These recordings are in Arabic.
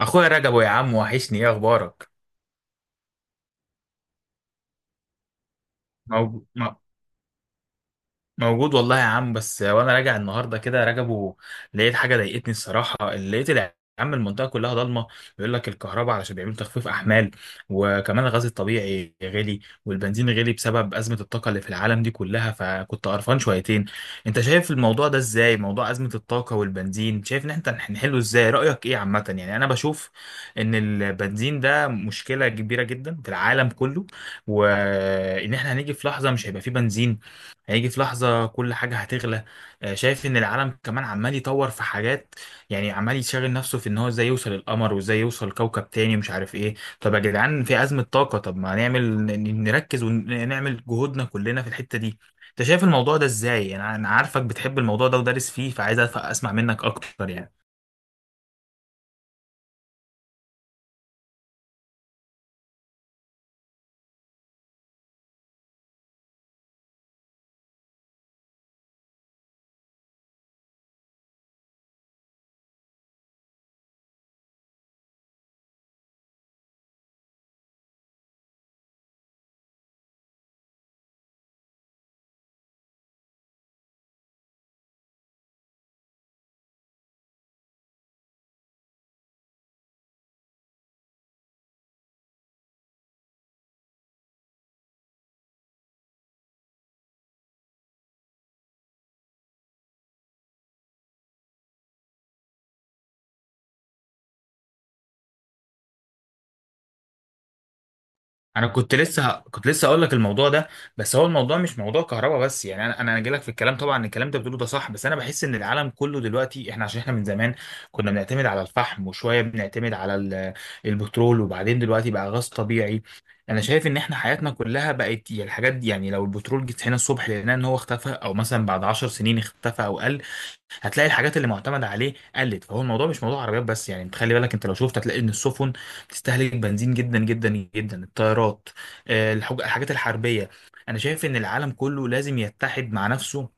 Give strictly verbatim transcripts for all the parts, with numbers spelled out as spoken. اخويا رجبو يا عم، وحشني. ايه اخبارك؟ موجود, موجود والله يا عم. بس وانا راجع النهارده كده راجبه لقيت حاجه ضايقتني الصراحه. لقيت يا عم المنطقه كلها ضلمه، بيقول لك الكهرباء علشان بيعملوا تخفيف احمال، وكمان الغاز الطبيعي غالي والبنزين غالي بسبب ازمه الطاقه اللي في العالم دي كلها، فكنت قرفان شويتين. انت شايف الموضوع ده ازاي؟ موضوع ازمه الطاقه والبنزين، شايف ان احنا هنحله ازاي؟ رايك ايه؟ عامه يعني انا بشوف ان البنزين ده مشكله كبيره جدا في العالم كله، وان احنا هنيجي في لحظه مش هيبقى فيه بنزين. هيجي في لحظة كل حاجة هتغلى. آه، شايف ان العالم كمان عمال يطور في حاجات، يعني عمال يشغل نفسه في ان هو ازاي يوصل القمر وازاي يوصل كوكب تاني مش عارف ايه. طب يا جدعان في أزمة طاقة، طب ما نعمل ن- نركز ونعمل جهودنا كلنا في الحتة دي. انت شايف الموضوع ده ازاي؟ انا أنا عارفك بتحب الموضوع ده ودارس فيه، فعايز أف- اسمع منك اكتر يعني. انا كنت لسه ه- كنت لسه اقول لك الموضوع ده. بس هو الموضوع مش موضوع كهرباء بس، يعني انا انا جاي لك في الكلام. طبعا الكلام انت بتقوله ده صح، بس انا بحس ان العالم كله دلوقتي احنا عشان احنا من زمان كنا بنعتمد على الفحم وشويه بنعتمد على ال- البترول، وبعدين دلوقتي بقى غاز طبيعي. انا شايف ان احنا حياتنا كلها بقت يعني الحاجات دي، يعني لو البترول جيت هنا الصبح لقينا ان هو اختفى، او مثلا بعد 10 سنين اختفى او قل، هتلاقي الحاجات اللي معتمد عليه قلت. فهو الموضوع مش موضوع عربيات بس يعني. انت خلي بالك، انت لو شفت هتلاقي ان السفن بتستهلك بنزين جدا جدا جدا، الطيارات، آه، الحاج- الحاجات الحربيه. انا شايف ان العالم كله لازم يتحد مع نفسه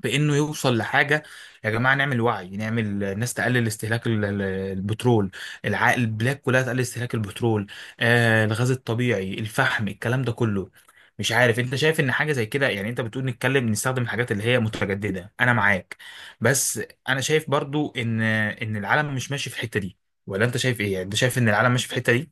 بانه يوصل لحاجه. يا جماعه نعمل وعي، نعمل الناس تقلل استهلاك ال- ال- البترول، الع- البلاد كلها تقلل استهلاك البترول، آه الغاز الطبيعي، الفحم، الكلام ده كله. مش عارف انت شايف ان حاجه زي كده؟ يعني انت بتقول نتكلم نستخدم الحاجات اللي هي متجدده، انا معاك، بس انا شايف برضو ان ان العالم مش ماشي في الحته دي، ولا انت شايف ايه؟ يعني انت شايف ان العالم ماشي في الحته دي؟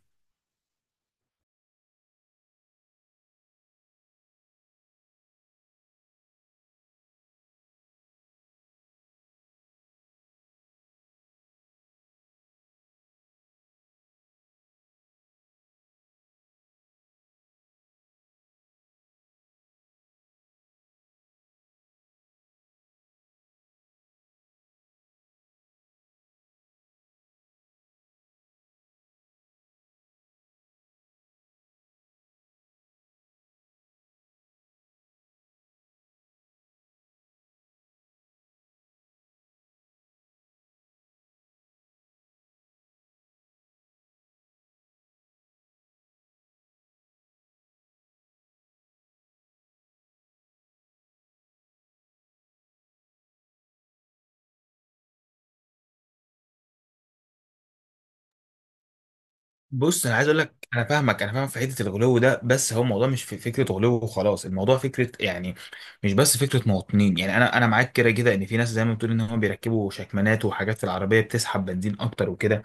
بص انا عايز اقول لك، انا فاهمك، انا فاهم في حته الغلو ده. بس هو الموضوع مش في فكره غلو وخلاص، الموضوع فكره يعني مش بس فكره مواطنين. يعني انا انا معاك كده كده ان في ناس زي ما بتقول ان هم بيركبوا شكمانات وحاجات في العربيه بتسحب بنزين اكتر وكده،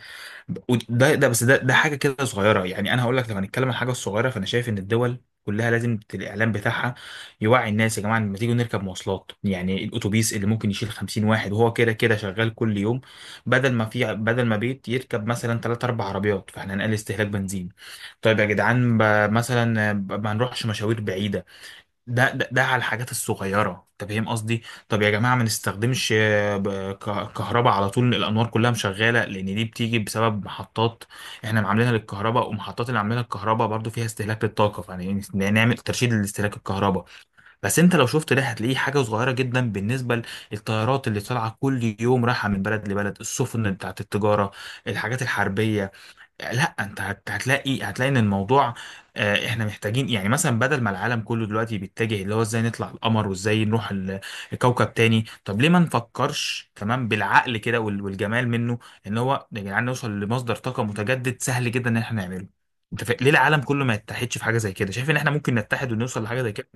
وده ده بس ده ده حاجه كده صغيره يعني. انا هقول لك، لو هنتكلم عن حاجه صغيره فانا شايف ان الدول كلها لازم ت- الاعلام بتاعها يوعي الناس. يا جماعه لما تيجوا نركب مواصلات، يعني الاتوبيس اللي ممكن يشيل 50 واحد وهو كده كده شغال كل يوم، بدل ما في بدل ما بيت يركب مثلا ثلاثة 4 عربيات، فاحنا هنقلل استهلاك بنزين. طيب يا جدعان، ب- مثلا آه، ب- ما نروحش مشاوير بعيده. ده ده, ده على الحاجات الصغيرة، انت فاهم قصدي. طب يا جماعة ما نستخدمش آه، ب- ك- كهرباء على طول، الأنوار كلها مشغالة. لأن دي بتيجي بسبب محطات احنا معاملينها للكهرباء، ومحطات اللي عاملينها للكهرباء برضو فيها استهلاك للطاقة، فيعني نعمل ترشيد لاستهلاك الكهرباء. بس انت لو شفت ده هتلاقيه حاجة صغيرة جدا بالنسبة للطيارات اللي طالعة كل يوم رايحة من بلد لبلد، السفن بتاعت التجارة، الحاجات الحربية. لا انت هت- هتلاقي هتلاقي ان الموضوع، آه، احنا محتاجين يعني، مثلا بدل ما العالم كله دلوقتي بيتجه اللي هو ازاي نطلع القمر وازاي نروح ال- الكوكب تاني، طب ليه ما نفكرش تمام بالعقل كده؟ وال- والجمال منه ان هو يا جدعان نوصل لمصدر طاقة متجدد سهل جدا ان احنا نعمله. انت فا- ليه العالم كله ما يتحدش في حاجة زي كده؟ شايف ان احنا ممكن نتحد ونوصل لحاجة زي كده؟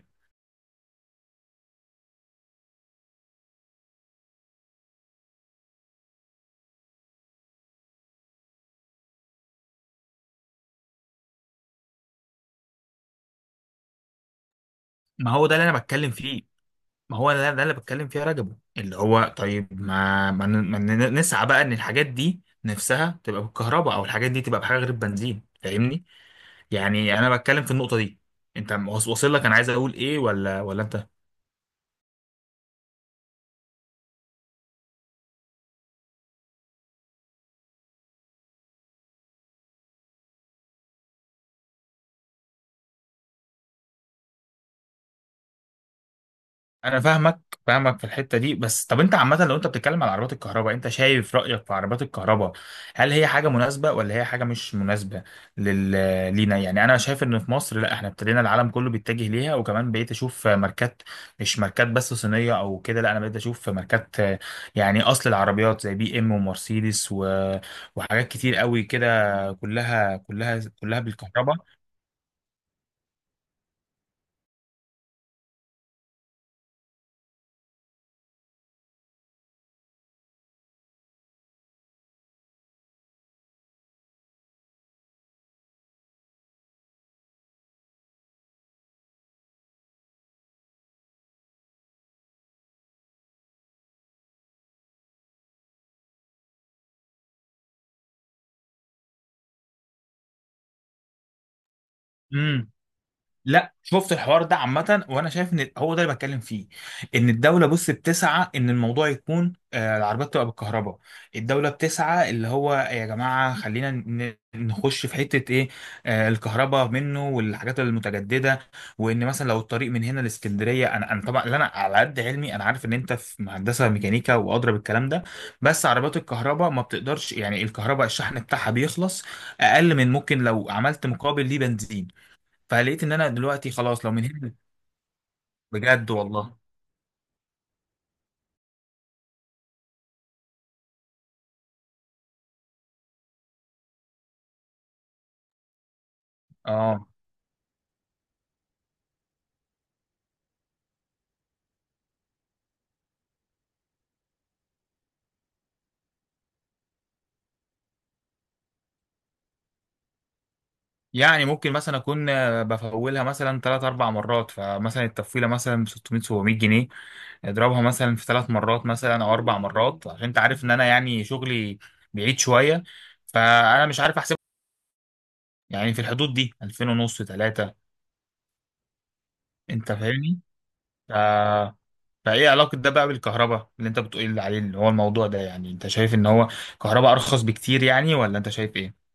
ما هو ده اللي انا بتكلم فيه. ما هو ده, ده اللي بتكلم فيها رجبه، اللي هو طيب ما ما, ن- ما ن- نسعى بقى ان الحاجات دي نفسها تبقى بالكهرباء، او الحاجات دي تبقى بحاجه غير البنزين. فاهمني؟ يعني انا بتكلم في النقطه دي. انت واص- واصل لك انا عايز اقول ايه ولا ولا انت؟ انا فاهمك، فاهمك في الحته دي. بس طب انت عامه لو انت بتتكلم على عربات الكهرباء، انت شايف رايك في عربات الكهرباء؟ هل هي حاجه مناسبه، ولا هي حاجه مش مناسبه لل... لينا يعني؟ انا شايف ان في مصر، لا احنا ابتدينا، العالم كله بيتجه ليها، وكمان بقيت اشوف ماركات، مش ماركات بس صينيه او كده، لا انا بقيت اشوف ماركات يعني اصل، العربيات زي بي ام ومرسيدس و... وحاجات كتير قوي كده، كلها كلها كلها بالكهرباء. امم. لا شفت الحوار ده عامة، وانا شايف ان هو ده اللي بتكلم فيه، ان الدولة، بص، بتسعى ان الموضوع يكون، آه، العربيات تبقى بالكهرباء. الدولة بتسعى اللي هو يا جماعة خلينا ن- نخش في حتة ايه، آه، الكهرباء منه والحاجات المتجددة. وان مثلا لو الطريق من هنا لاسكندرية، انا انا طبعا، لا انا على قد علمي انا عارف ان انت في مهندسة ميكانيكا وادرى بالكلام ده، بس عربيات الكهرباء ما بتقدرش، يعني الكهرباء الشحن بتاعها بيخلص اقل من ممكن لو عملت مقابل ليه بنزين. فلقيت ان انا دلوقتي خلاص، لو من هنا، بجد والله. اه، يعني ممكن مثلا اكون، آه، بفولها مثلا ثلاث اربع مرات، فمثلا التفويله مثلا ب ستمائة سبعمية جنيه. اضربها مثلا في ثلاث مرات مثلا او اربع مرات، عشان انت عارف ان انا يعني شغلي بعيد شويه. فانا مش عارف احسب يعني، في الحدود دي الفين ونص تلاته. انت فاهمني؟ ف... فايه علاقه ده بقى بالكهرباء اللي انت بتقول عليه؟ اللي هو الموضوع ده يعني، انت شايف ان هو كهرباء ارخص بكتير يعني، ولا انت شايف ايه؟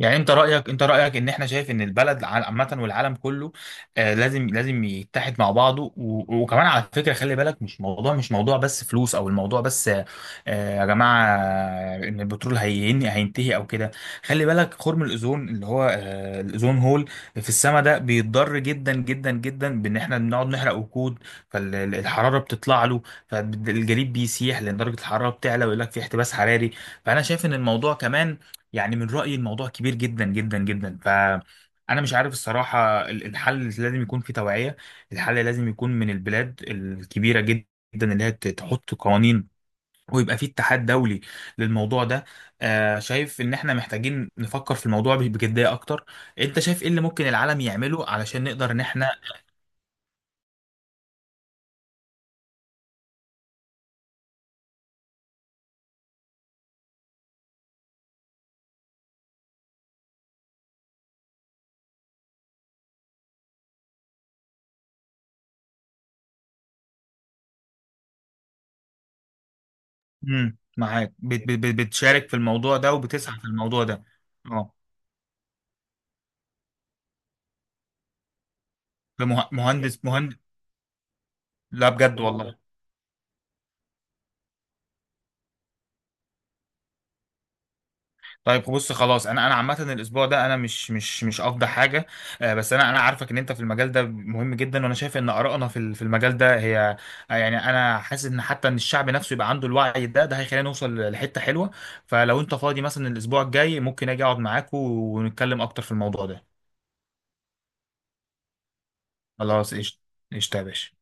يعني انت رايك، انت رايك ان احنا، شايف ان البلد عل- عامه والعالم كله، آه، لازم لازم يتحد مع بعضه، و- وكمان على فكره خلي بالك مش موضوع، مش موضوع بس فلوس، او الموضوع بس آه، يا جماعه، آه، ان البترول هين هينتهي او كده. خلي بالك خرم الاوزون، اللي هو آه الاوزون هول في السماء، ده بيتضر جدا جدا جدا بان احنا بنقعد نحرق وقود، فالحراره بتطلع له، فالجليد بيسيح لان درجه الحراره بتعلى، ويقول لك في احتباس حراري. فانا شايف ان الموضوع كمان، يعني من رأيي الموضوع كبير جدا جدا جدا. فأنا مش عارف الصراحة، ال- الحل لازم يكون في توعية. الحل لازم يكون من البلاد الكبيرة جدا، اللي هي ت- تحط قوانين، ويبقى في اتحاد دولي للموضوع ده. آه، شايف ان احنا محتاجين نفكر في الموضوع ب- بجدية اكتر. انت شايف ايه اللي ممكن العالم يعمله علشان نقدر ان احنا؟ مم، معاك، بت بت بت- بتشارك في الموضوع ده وبتسعى في الموضوع ده. اه، بمه- مهندس مهندس لا بجد والله. طيب بص خلاص، انا انا عامه الاسبوع ده انا مش مش مش افضل حاجه، آه، بس انا انا عارفك ان انت في المجال ده مهم جدا، وانا شايف ان ارائنا في ال- في المجال ده هي، آه، يعني انا حاسس ان حتى ان الشعب نفسه يبقى عنده الوعي ده ده هيخلينا نوصل لحته حلوه. فلو انت فاضي مثلا الاسبوع الجاي، ممكن اجي اقعد معاك ونتكلم اكتر في الموضوع ده. خلاص قشطه. قشطه يا باشا.